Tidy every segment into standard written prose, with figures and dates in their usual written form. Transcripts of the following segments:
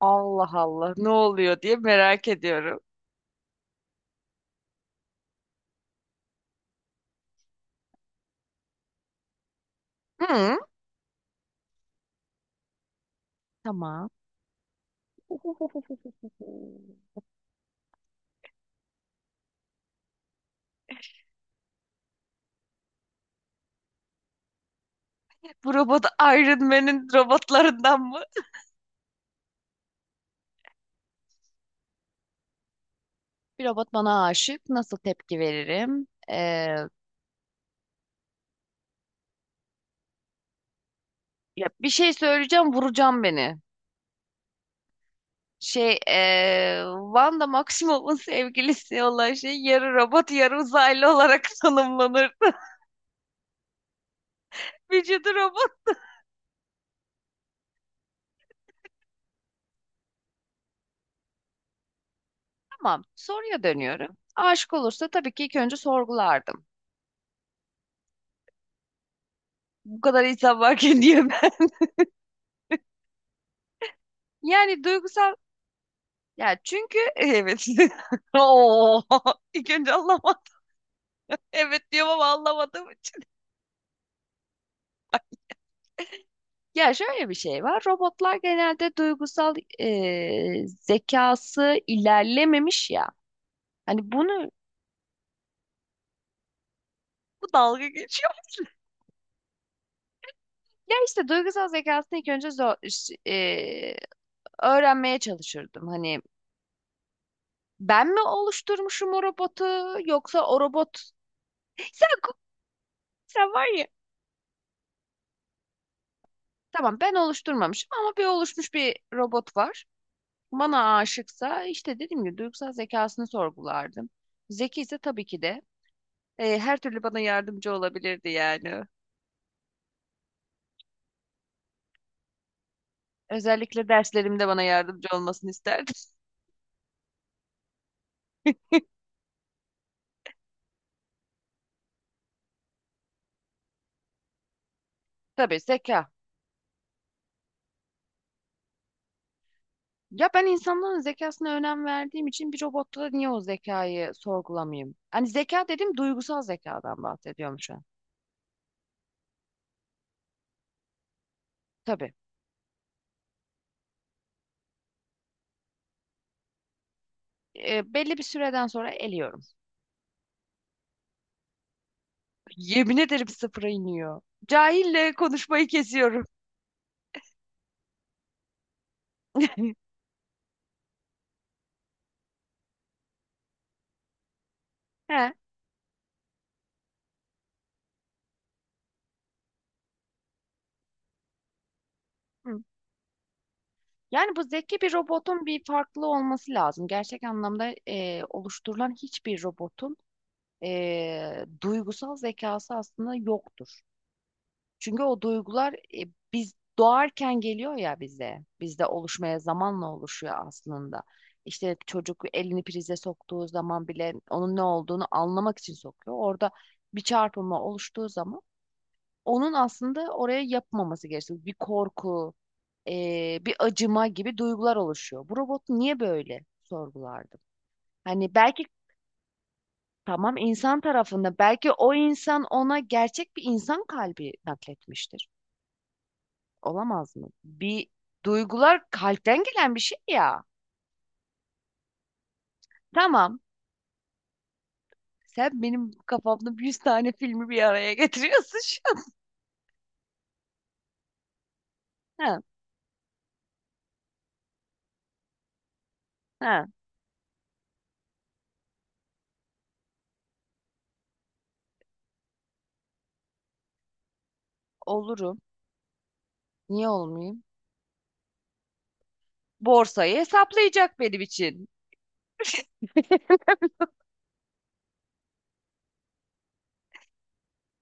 Allah Allah, ne oluyor diye merak ediyorum. Hı, tamam. Bu robot Iron Man'in robotlarından mı? Bir robot bana aşık. Nasıl tepki veririm? Ya bir şey söyleyeceğim, vuracağım beni. Şey, Wanda Maximoff'un sevgilisi olan şey yarı robot, yarı uzaylı olarak tanımlanır. Vücudu robot. Tamam. Soruya dönüyorum. Aşık olursa tabii ki ilk önce sorgulardım. Bu kadar insan varken niye? Yani duygusal, ya çünkü evet. Oo, ilk önce anlamadım. Evet diyorum ama anlamadığım için. Ya şöyle bir şey var. Robotlar genelde duygusal, zekası ilerlememiş ya. Hani bunu, bu dalga geçiyor. Ya işte duygusal zekasını ilk önce zor, e, öğrenmeye çalışırdım. Hani ben mi oluşturmuşum o robotu yoksa o robot sen sen var ya. Tamam, ben oluşturmamışım ama bir oluşmuş bir robot var. Bana aşıksa işte dediğim gibi duygusal zekasını sorgulardım. Zeki ise tabii ki de her türlü bana yardımcı olabilirdi yani. Özellikle derslerimde bana yardımcı olmasını isterdim. Tabii, zeka. Ya ben insanların zekasına önem verdiğim için bir robotta da niye o zekayı sorgulamayayım? Hani zeka dedim, duygusal zekadan bahsediyorum şu an. Tabii. E, belli bir süreden sonra eliyorum. Yemin ederim sıfıra iniyor. Cahille konuşmayı kesiyorum. He. Yani bu zeki bir robotun bir farklı olması lazım. Gerçek anlamda oluşturulan hiçbir robotun duygusal zekası aslında yoktur. Çünkü o duygular, biz doğarken geliyor ya bize. Bizde oluşmaya, zamanla oluşuyor aslında. İşte çocuk elini prize soktuğu zaman bile onun ne olduğunu anlamak için sokuyor. Orada bir çarpılma oluştuğu zaman onun aslında oraya yapmaması gerekiyor. Bir korku, bir acıma gibi duygular oluşuyor. Bu robot niye böyle, sorgulardım. Hani belki, tamam, insan tarafında belki o insan ona gerçek bir insan kalbi nakletmiştir. Olamaz mı? Bir, duygular kalpten gelen bir şey ya. Tamam. Sen benim kafamda 100 tane filmi bir araya getiriyorsun şu an. Ha. Ha, olurum. Niye olmayayım? Borsayı hesaplayacak benim için.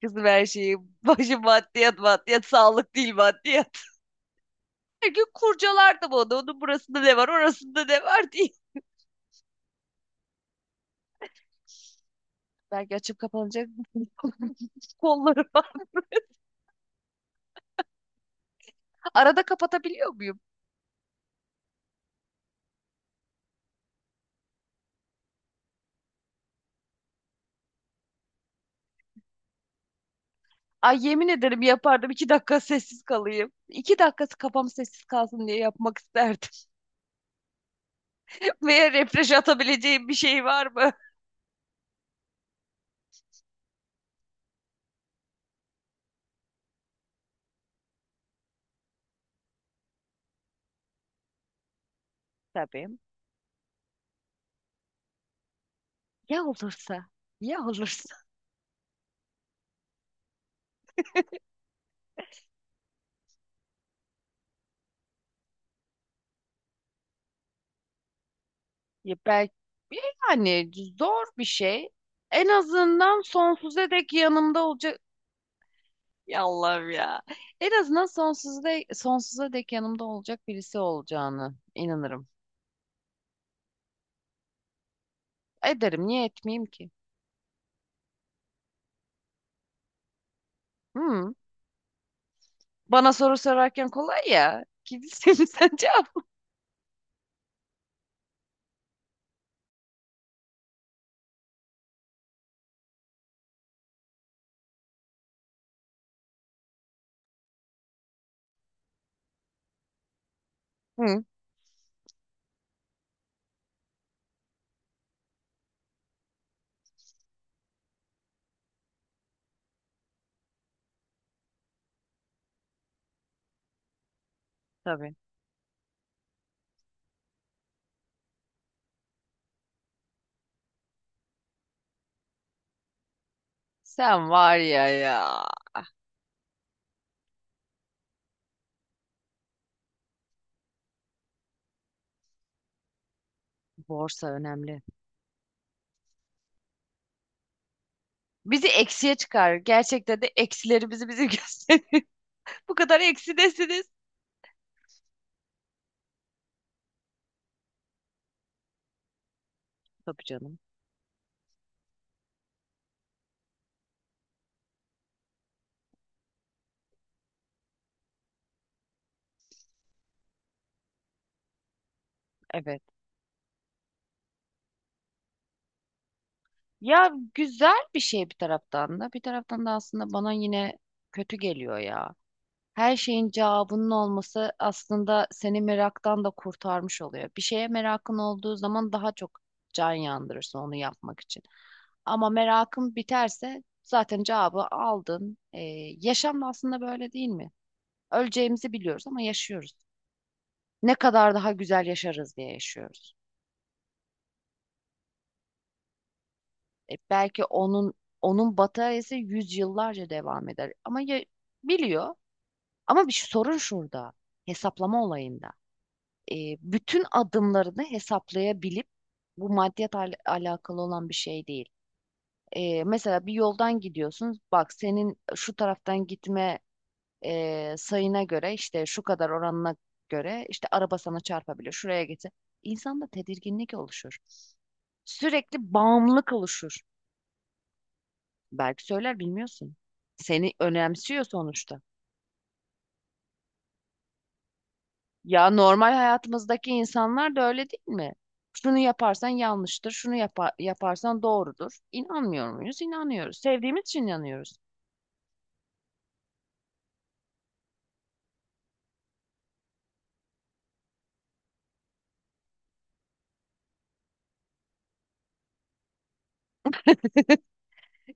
Kızım, her şeyi başı maddiyat, maddiyat sağlık değil, maddiyat. Her gün kurcalardım onu. Onun burasında ne var, orasında ne var diye. Belki açıp kapanacak kollarım var. Arada kapatabiliyor muyum? Ay, yemin ederim yapardım. 2 dakika sessiz kalayım. 2 dakikası kafam sessiz kalsın diye yapmak isterdim. Veya refresh atabileceğim bir şey var mı? Tabii. Ya olursa? Ya olursa? Ya belki, yani zor bir şey. En azından sonsuza dek yanımda olacak. Ya Allah'ım ya. En azından sonsuza dek, sonsuza dek yanımda olacak birisi olacağını inanırım. Ederim. Niye etmeyeyim ki? Hı. Bana soru sorarken kolay ya. Kimsin sen, cevap. Hı. Tabii. Sen var ya, ya. Borsa önemli. Bizi eksiye çıkar. Gerçekten de eksileri bizi gösterir. Bu kadar eksidesiniz. Tabii canım. Evet. Ya güzel bir şey bir taraftan da. Bir taraftan da aslında bana yine kötü geliyor ya. Her şeyin cevabının olması aslında seni meraktan da kurtarmış oluyor. Bir şeye merakın olduğu zaman daha çok can yandırırsın onu yapmak için. Ama merakın biterse zaten cevabı aldın. Yaşam da aslında böyle değil mi? Öleceğimizi biliyoruz ama yaşıyoruz. Ne kadar daha güzel yaşarız diye yaşıyoruz. E, belki onun bataryası yüzyıllarca devam eder. Ama ya, biliyor. Ama bir sorun şurada. Hesaplama olayında. e, bütün adımlarını hesaplayabilip, bu maddiyat alakalı olan bir şey değil. E, mesela bir yoldan gidiyorsun. Bak, senin şu taraftan gitme sayına göre, işte şu kadar oranına göre işte araba sana çarpabilir. Şuraya gitse. İnsanda tedirginlik oluşur. Sürekli bağımlılık oluşur. Belki söyler, bilmiyorsun. Seni önemsiyor sonuçta. Ya normal hayatımızdaki insanlar da öyle değil mi? Şunu yaparsan yanlıştır, şunu yaparsan doğrudur. İnanmıyor muyuz? İnanıyoruz. Sevdiğimiz için inanıyoruz.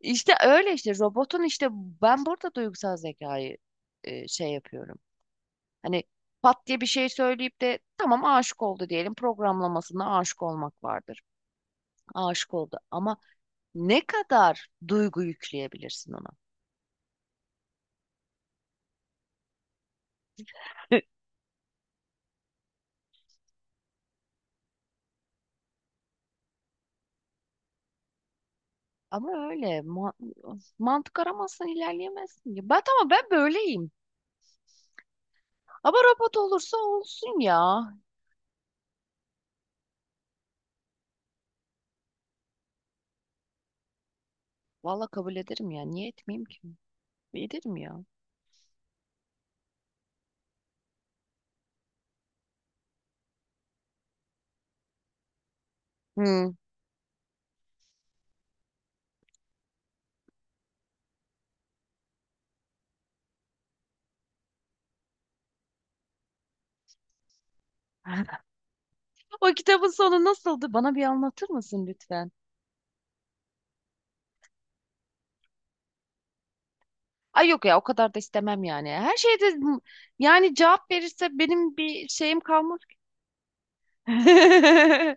İşte öyle, işte robotun, işte ben burada duygusal zekayı şey yapıyorum. Hani pat diye bir şey söyleyip de tamam, aşık oldu diyelim. Programlamasında aşık olmak vardır. Aşık oldu ama ne kadar duygu yükleyebilirsin ona? Ama öyle, mantık aramazsan ilerleyemezsin. Ya ben, tamam, ben böyleyim. Ama robot olursa olsun ya. Valla kabul ederim ya. Niye etmeyeyim ki? Ederim ya. Hmm. O kitabın sonu nasıldı? Bana bir anlatır mısın lütfen? Ay yok ya, o kadar da istemem yani. Her şeyde yani cevap verirse benim bir şeyim kalmaz.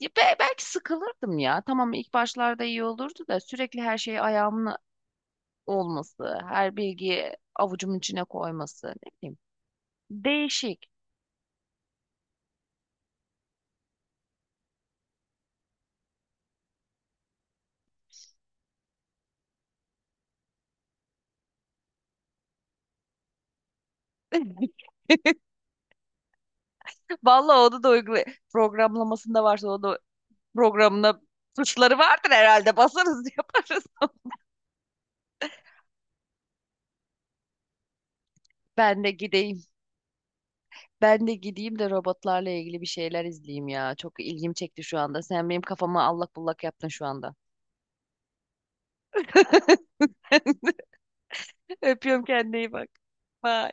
Ya belki sıkılırdım ya. Tamam, ilk başlarda iyi olurdu da sürekli her şey ayağımın olması, her bilgiyi avucumun içine koyması. Ne bileyim. Değişik. Vallahi onu da uygula, programlamasında varsa onu da programına, tuşları vardır herhalde. Basarız yaparız. Ben de gideyim. Ben de gideyim de robotlarla ilgili bir şeyler izleyeyim ya. Çok ilgim çekti şu anda. Sen benim kafama allak bullak yaptın şu anda. Öpüyorum, kendine iyi bak. Bye.